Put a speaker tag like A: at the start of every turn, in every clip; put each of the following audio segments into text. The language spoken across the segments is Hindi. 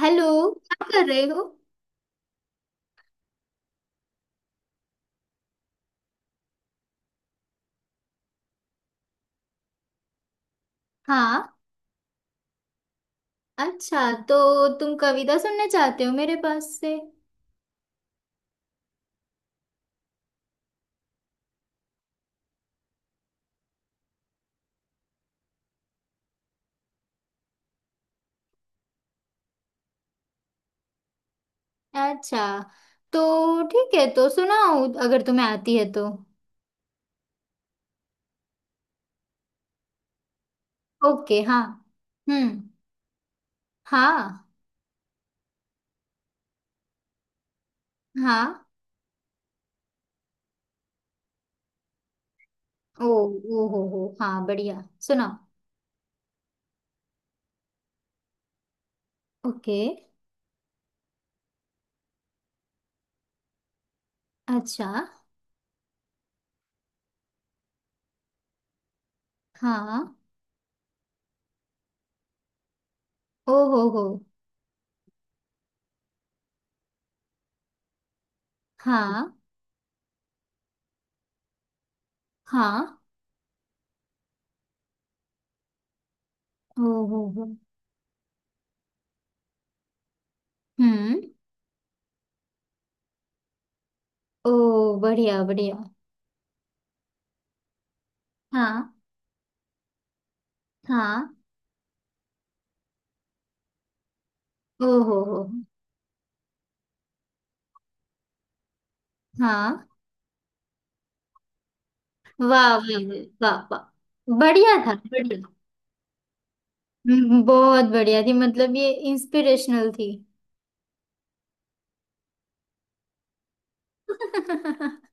A: हेलो। क्या कर रहे हो? हाँ। अच्छा, तो तुम कविता सुनना चाहते हो मेरे पास से? अच्छा, तो ठीक है तो सुनाओ अगर तुम्हें आती है तो। ओके। हाँ। हम्म। हाँ। हाँ। ओ। ओ हो, हाँ, बढ़िया। सुनाओ। ओके। अच्छा। हाँ। ओ हो हो। हाँ। हाँ। ओ हो हो। हम्म। ओ, बढ़िया बढ़िया। हाँ। हाँ। ओ हो हो। हाँ। वाह वाह वाह वाह वाह। बढ़िया था, बढ़िया। बहुत बढ़िया थी, मतलब ये इंस्पिरेशनल थी।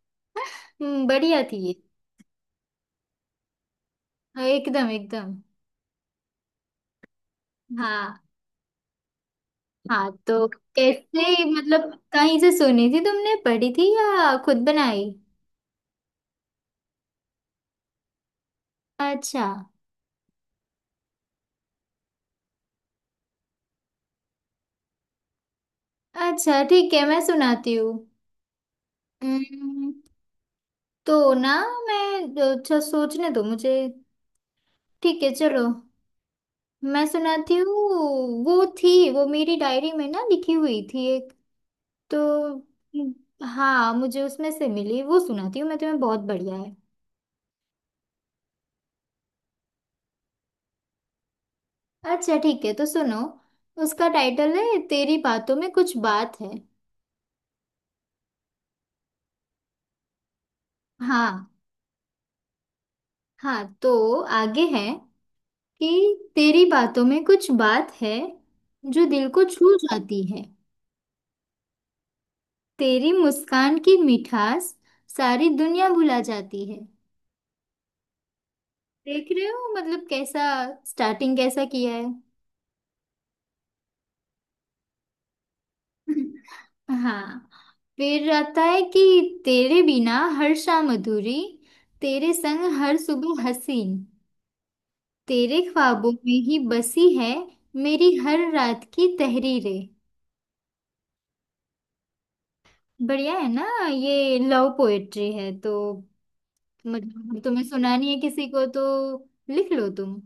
A: बढ़िया थी ये। हाँ, एकदम एकदम। हाँ। हाँ, तो कैसे, मतलब कहीं से सुनी थी तुमने, पढ़ी थी या खुद बनाई? अच्छा। अच्छा, ठीक है, मैं सुनाती हूँ। हम्म, तो ना, मैं... अच्छा, सोचने दो मुझे। ठीक है, चलो, मैं सुनाती हूँ। वो थी वो मेरी डायरी में ना, लिखी हुई थी तो। हाँ, मुझे उसमें से मिली, वो सुनाती हूँ मैं तुम्हें, बहुत बढ़िया है। अच्छा ठीक है, तो सुनो। उसका टाइटल है, तेरी बातों में कुछ बात है। हाँ। हाँ, तो आगे है कि, तेरी बातों में कुछ बात है, जो दिल को छू जाती है। तेरी मुस्कान की मिठास, सारी दुनिया भुला जाती है। देख रहे हो मतलब कैसा स्टार्टिंग कैसा किया है। हाँ, फिर आता है कि, तेरे बिना हर शाम अधूरी, तेरे संग हर सुबह हसीन, तेरे ख्वाबों में ही बसी है मेरी हर रात की तहरीरें। बढ़िया है ना? ये लव पोएट्री है, तो मतलब तुम्हें सुनानी है किसी को तो लिख लो तुम।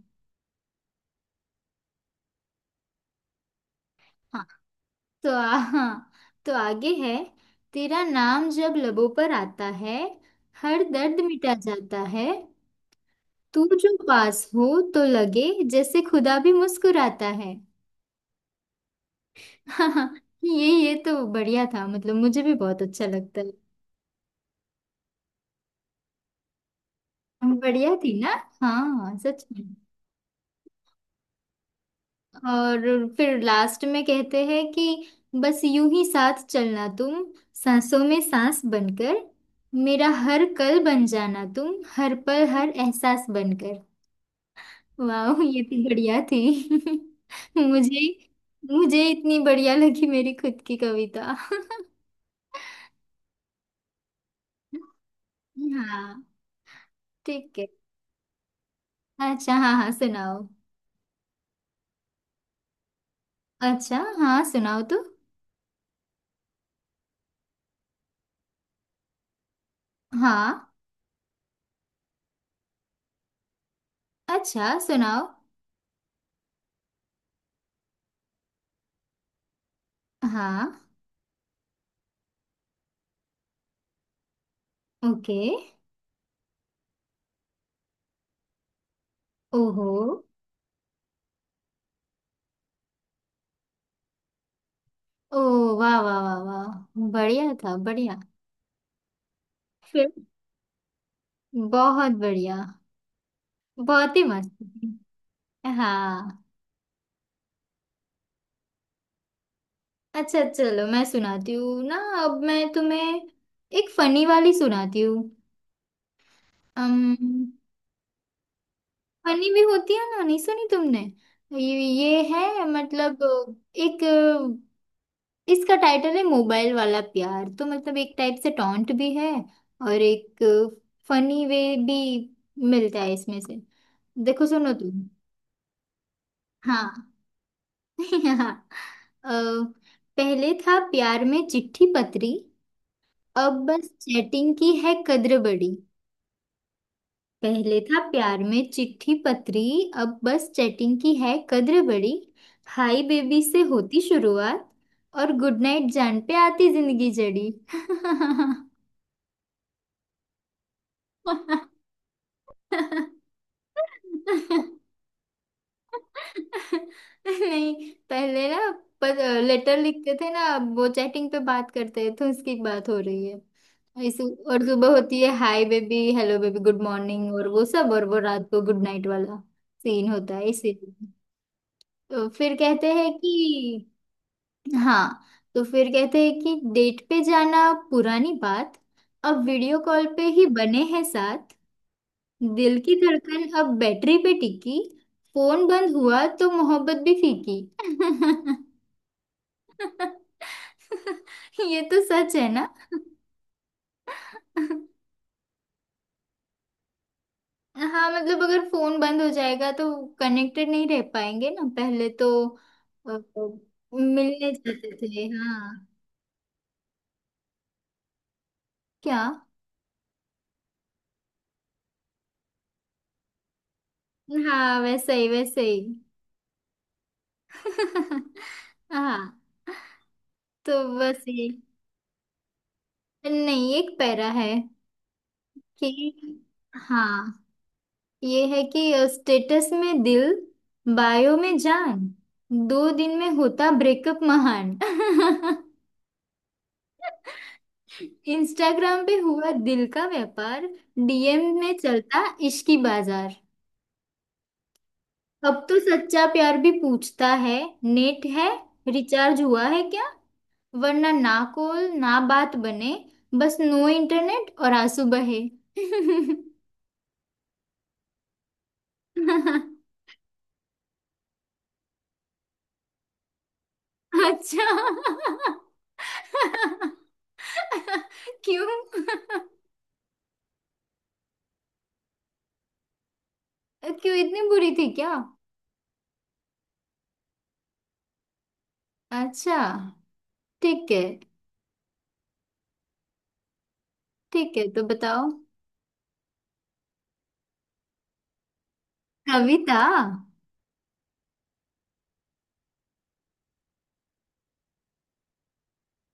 A: हाँ, तो हाँ, तो आगे है, तेरा नाम जब लबों पर आता है, हर दर्द मिटा जाता है। तू जो पास हो तो लगे, जैसे खुदा भी मुस्कुराता है। हाँ, हाँ। ये तो बढ़िया था, मतलब मुझे भी बहुत अच्छा लगता है। बढ़िया थी ना? हाँ, सच में। और फिर लास्ट में कहते हैं कि, बस यूं ही साथ चलना तुम, सांसों में सांस बनकर, मेरा हर पल बन जाना तुम, हर पल हर एहसास बनकर। वाह, ये तो बढ़िया थी। मुझे मुझे इतनी बढ़िया लगी मेरी खुद की कविता। हाँ, ठीक है। अच्छा, हाँ हाँ, सुनाओ। अच्छा, हाँ, सुनाओ तो। हाँ। अच्छा, सुनाओ। हाँ। ओके। ओहो। ओ, वाह वाह वाह वाह, बढ़िया था, बढ़िया। फिर, बहुत बढ़िया, बहुत ही मस्त थी। हाँ। अच्छा, चलो, मैं सुनाती हूँ ना। अब मैं तुम्हें एक फनी वाली सुनाती हूँ। अम फनी भी होती है ना, नहीं सुनी तुमने? ये है, मतलब एक... इसका टाइटल है, मोबाइल वाला प्यार, तो मतलब एक टाइप से टॉन्ट भी है, और एक फनी वे भी मिलता है इसमें से। देखो, सुनो तुम। हाँ। हाँ। अ, पहले था प्यार में चिट्ठी पत्री, अब बस चैटिंग की है कद्र बड़ी। पहले था प्यार में चिट्ठी पत्री, अब बस चैटिंग की है कद्र बड़ी। हाय बेबी से होती शुरुआत, और गुड नाइट जान पे आती जिंदगी जड़ी। नहीं, पहले ना, पर लेटर लिखते थे ना, अब वो चैटिंग पे बात करते हैं, तो उसकी बात हो रही है इसी। और सुबह होती है hi baby, hello baby, good morning, और वो सब, और वो रात को गुड नाइट वाला सीन होता है, इसीलिए तो फिर कहते हैं कि। हाँ, तो फिर कहते हैं कि, डेट पे जाना पुरानी बात, अब वीडियो कॉल पे ही बने हैं। दिल की धड़कन अब बैटरी पे टिकी, फोन बंद हुआ तो मोहब्बत भी फीकी। ये तो सच है ना? हाँ, मतलब अगर फोन बंद हो जाएगा तो कनेक्टेड नहीं रह पाएंगे ना। पहले तो अ, मिलने जाते थे, हाँ। क्या? हाँ, वैसे ही, वैसे ही। हाँ, तो बस ये। नहीं, एक पैरा है कि, हाँ, ये है कि, स्टेटस में दिल, बायो में जान, दो दिन में होता ब्रेकअप महान। इंस्टाग्राम पे हुआ दिल का व्यापार, डीएम में चलता इश्की बाजार। अब तो सच्चा प्यार भी पूछता है, नेट है, रिचार्ज हुआ है क्या? वरना ना कॉल ना बात बने, बस नो इंटरनेट और आंसू बहे। अच्छा। क्यों? क्यों, इतनी बुरी थी क्या? अच्छा। ठीक है, ठीक है तो बताओ। कविता।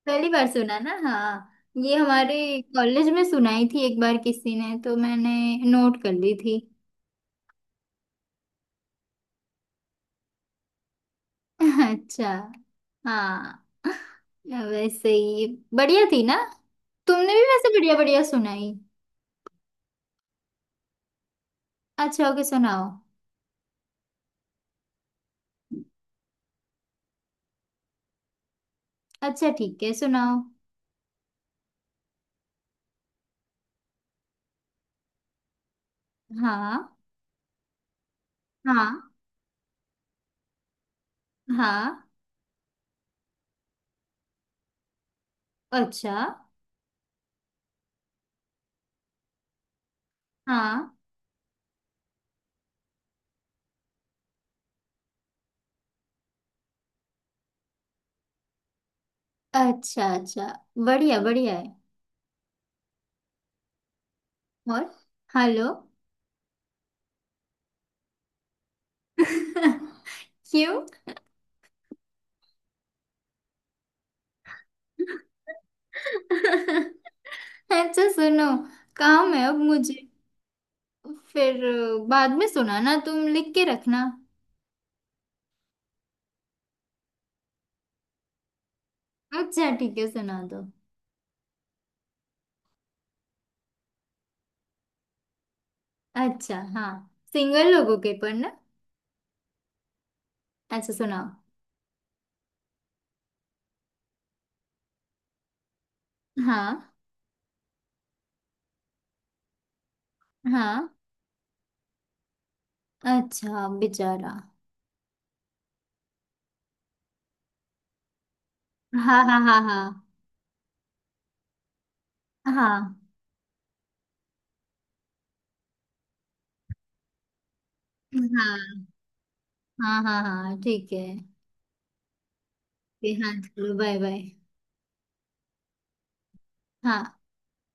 A: पहली बार सुना ना? हाँ, ये हमारे कॉलेज में सुनाई थी एक बार किसी ने, तो मैंने नोट कर ली थी। अच्छा। हाँ, वैसे ही। बढ़िया थी ना। तुमने भी वैसे बढ़िया बढ़िया सुनाई। अच्छा। ओके, सुनाओ। अच्छा ठीक है, सुनाओ। हाँ, हाँ, हाँ। अच्छा। हाँ। अच्छा। अच्छा, बढ़िया बढ़िया है। और... हेलो? क्यों? अच्छा, सुनो, काम है अब मुझे। फिर बाद में सुनाना, तुम लिख के रखना। अच्छा ठीक है, सुना दो। अच्छा, हाँ, सिंगल लोगों के पर ना। अच्छा, सुनाओ। हाँ। हाँ, अच्छा, बेचारा। हाँ, हाँ, हाँ, हाँ। हाँ, हाँ, हाँ, हाँ हाँ ठीक है। फिर हाँ, चलो, बाय बाय। हाँ।